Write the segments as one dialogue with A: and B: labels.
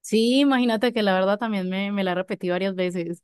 A: Sí, imagínate que la verdad también me la repetí varias veces.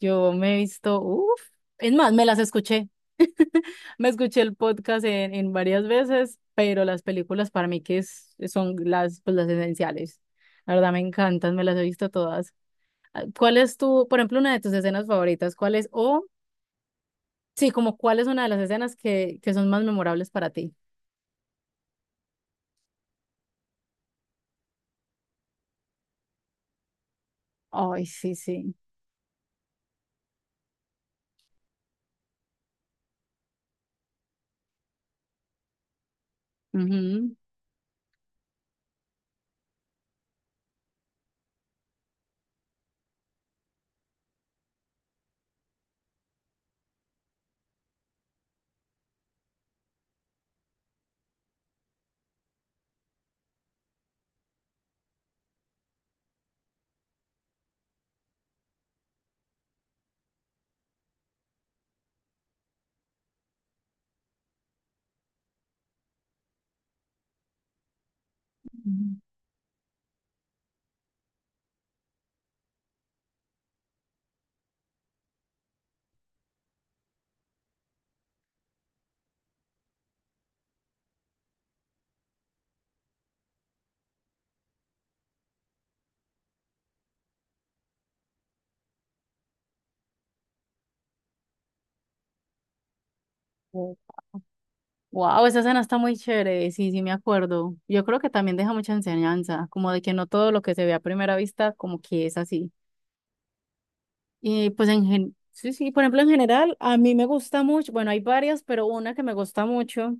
A: Yo me he visto, uff, es más, me las escuché. Me escuché el podcast en varias veces, pero las películas para mí son las, pues, las esenciales. La verdad me encantan, me las he visto todas. Ah, ¿cuál es tu, por ejemplo, una de tus escenas favoritas? ¿Cuál es, o sí, como cuál es una de las escenas que son más memorables para ti? Ay, sí, sí. Ujú. Ujú. Wow, esa escena está muy chévere, sí, sí me acuerdo. Yo creo que también deja mucha enseñanza, como de que no todo lo que se ve a primera vista como que es así. Y pues sí, sí, por ejemplo, en general a mí me gusta mucho, bueno, hay varias, pero una que me gusta mucho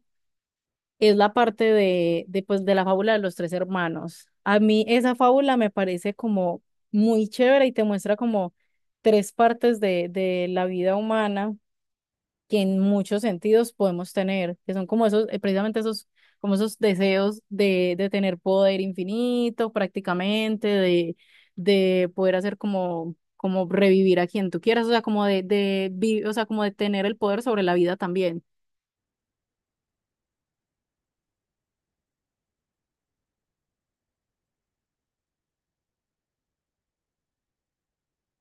A: es la parte de pues de la fábula de los tres hermanos. A mí esa fábula me parece como muy chévere y te muestra como tres partes de la vida humana que en muchos sentidos podemos tener, que son como esos, precisamente esos, como esos deseos de tener poder infinito prácticamente, de poder hacer como, como revivir a quien tú quieras, o sea, como o sea, como de tener el poder sobre la vida también.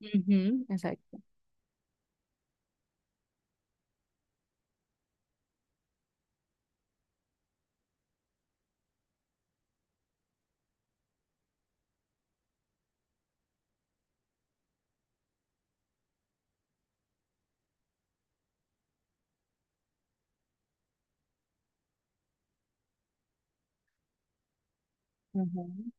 A: Ujú, exacto. Ujú.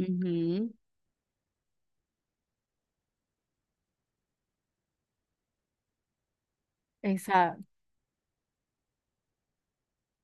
A: Ujú, exacto.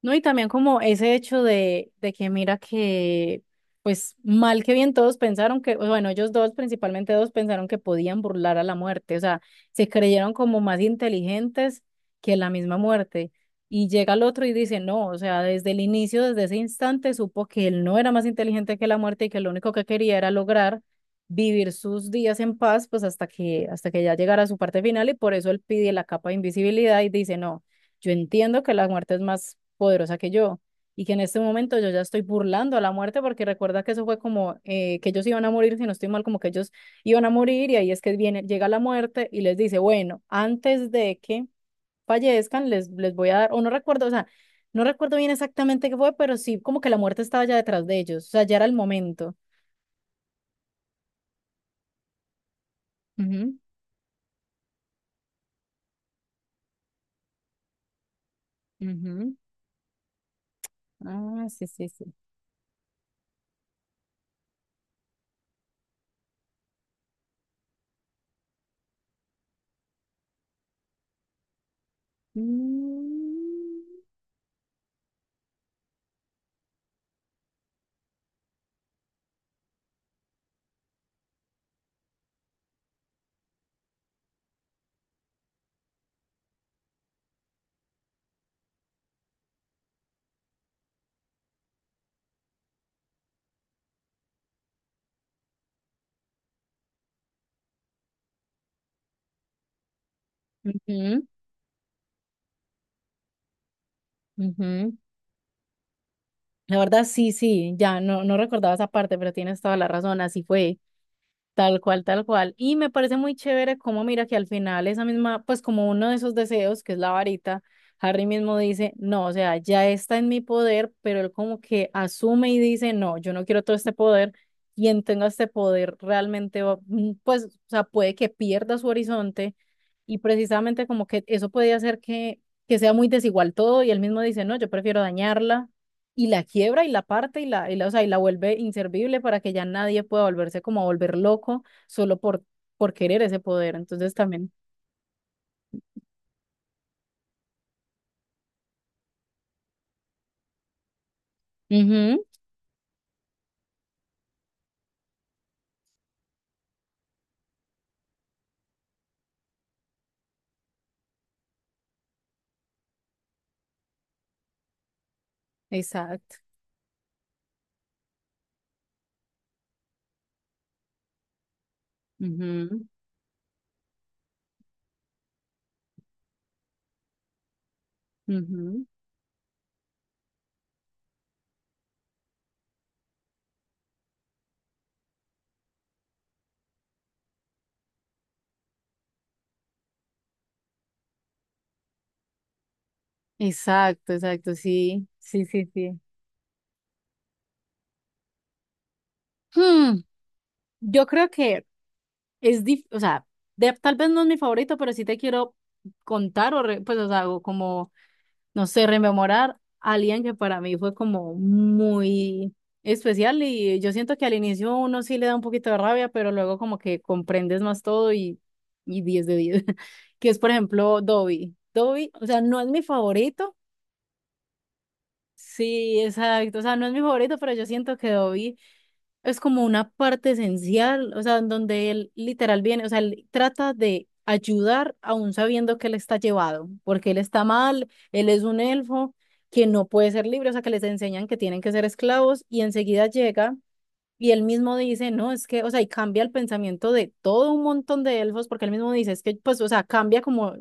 A: No, y también como ese hecho de que mira que, pues mal que bien todos pensaron que, bueno, ellos dos, principalmente dos, pensaron que podían burlar a la muerte, o sea, se creyeron como más inteligentes que la misma muerte. Y llega el otro y dice, no, o sea, desde el inicio, desde ese instante, supo que él no era más inteligente que la muerte y que lo único que quería era lograr vivir sus días en paz, pues hasta que ya llegara a su parte final y por eso él pide la capa de invisibilidad y dice, no, yo entiendo que la muerte es más poderosa que yo y que en este momento yo ya estoy burlando a la muerte porque recuerda que eso fue como que ellos iban a morir, si no estoy mal, como que ellos iban a morir y ahí es que viene, llega la muerte y les dice, bueno, antes de que fallezcan, les voy a dar, o no recuerdo, o sea, no recuerdo bien exactamente qué fue, pero sí, como que la muerte estaba ya detrás de ellos, o sea, ya era el momento. Ujú, ujú. Ah, sí, sí, sí. Mm, ujú, ujú. La verdad, sí, sí, ya no, no recordaba esa parte, pero tienes toda la razón, así fue, tal cual, tal cual. Y me parece muy chévere cómo mira que al final esa misma, pues como uno de esos deseos, que es la varita, Harry mismo dice, no, o sea, ya está en mi poder, pero él como que asume y dice, no, yo no quiero todo este poder, quien tenga este poder realmente, pues, o sea, puede que pierda su horizonte y precisamente como que eso puede hacer que sea muy desigual todo y él mismo dice, no, yo prefiero dañarla y la quiebra y la parte y o sea, y la vuelve inservible para que ya nadie pueda volverse como a volver loco solo por querer ese poder. Entonces también. Ujú, exacto. Ujú, ujú, exacto, exacto, sí, sí, sí, sí. Hmm, yo creo que o sea, tal vez no es mi favorito, pero sí te quiero contar pues, o sea, o como no sé, rememorar a alguien que para mí fue como muy especial y yo siento que al inicio uno sí le da un poquito de rabia, pero luego como que comprendes más todo y 10 de 10 que es por ejemplo Dobby. Dobby, o sea, no es mi favorito, sí, exacto, o sea, no es mi favorito, pero yo siento que Dobby es como una parte esencial, o sea, en donde él literal viene, o sea, él trata de ayudar aún sabiendo que él está llevado, porque él está mal, él es un elfo que no puede ser libre, o sea, que les enseñan que tienen que ser esclavos y enseguida llega. Y él mismo dice, no, es que, o sea, y cambia el pensamiento de todo un montón de elfos, porque él mismo dice, es que, pues, o sea, cambia como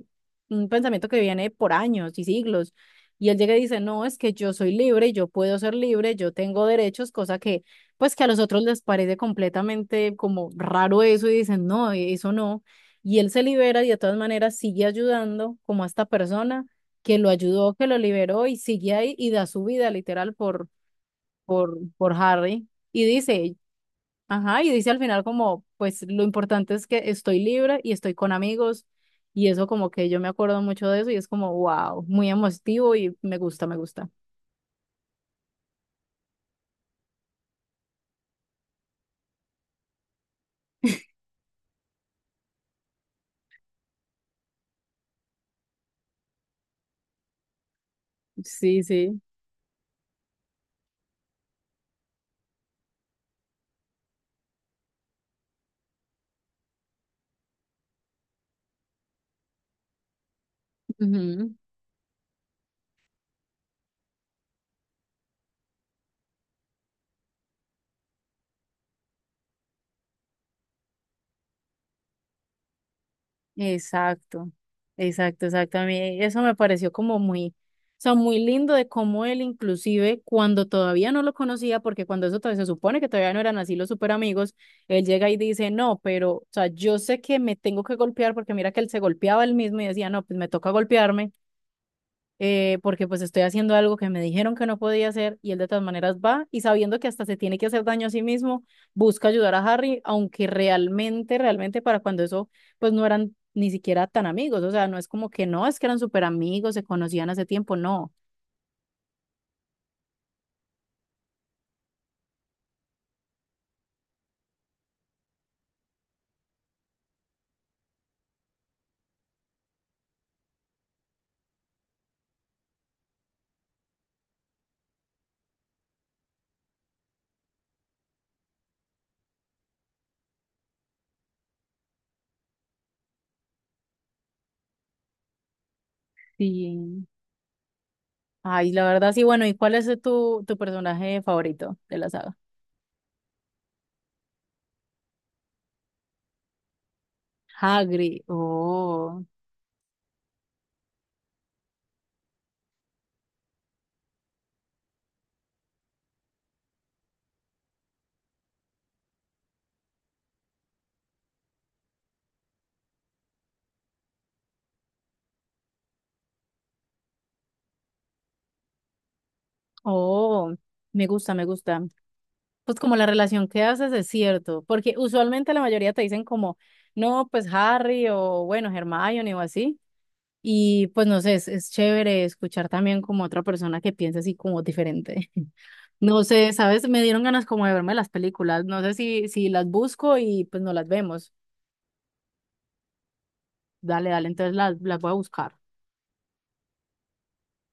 A: un pensamiento que viene por años y siglos. Y él llega y dice, no, es que yo soy libre, yo puedo ser libre, yo tengo derechos, cosa que, pues, que a los otros les parece completamente como raro eso y dicen, no, eso no. Y él se libera y de todas maneras sigue ayudando como a esta persona que lo ayudó, que lo liberó y sigue ahí y da su vida literal por Harry y dice, ajá, y dice al final como, pues lo importante es que estoy libre y estoy con amigos y eso como que yo me acuerdo mucho de eso y es como, wow, muy emotivo y me gusta, me gusta. Sí, sí. Ujú, exacto, exacto, exacto. A mí eso me pareció como muy, o sea, muy lindo de cómo él inclusive cuando todavía no lo conocía, porque cuando eso todavía se supone que todavía no eran así los super amigos, él llega y dice, no, pero, o sea, yo sé que me tengo que golpear porque mira que él se golpeaba él mismo y decía, no, pues me toca golpearme, porque pues estoy haciendo algo que me dijeron que no podía hacer y él de todas maneras va y sabiendo que hasta se tiene que hacer daño a sí mismo, busca ayudar a Harry, realmente para cuando eso, pues no eran ni siquiera tan amigos, o sea, no es como que no, es que eran súper amigos, se conocían hace tiempo, no. Sí. Ay, la verdad, sí, bueno, ¿y cuál es tu, tu personaje favorito de la saga? Hagrid, oh, oh, me gusta, me gusta. Pues como la relación que haces es cierto, porque usualmente la mayoría te dicen como, no, pues Harry o bueno, Hermione o así, y pues no sé, es chévere escuchar también como otra persona que piensa así como diferente. No sé, ¿sabes? Me dieron ganas como de verme las películas, no sé si, si las busco y pues no las vemos. Dale, dale, entonces las voy a buscar.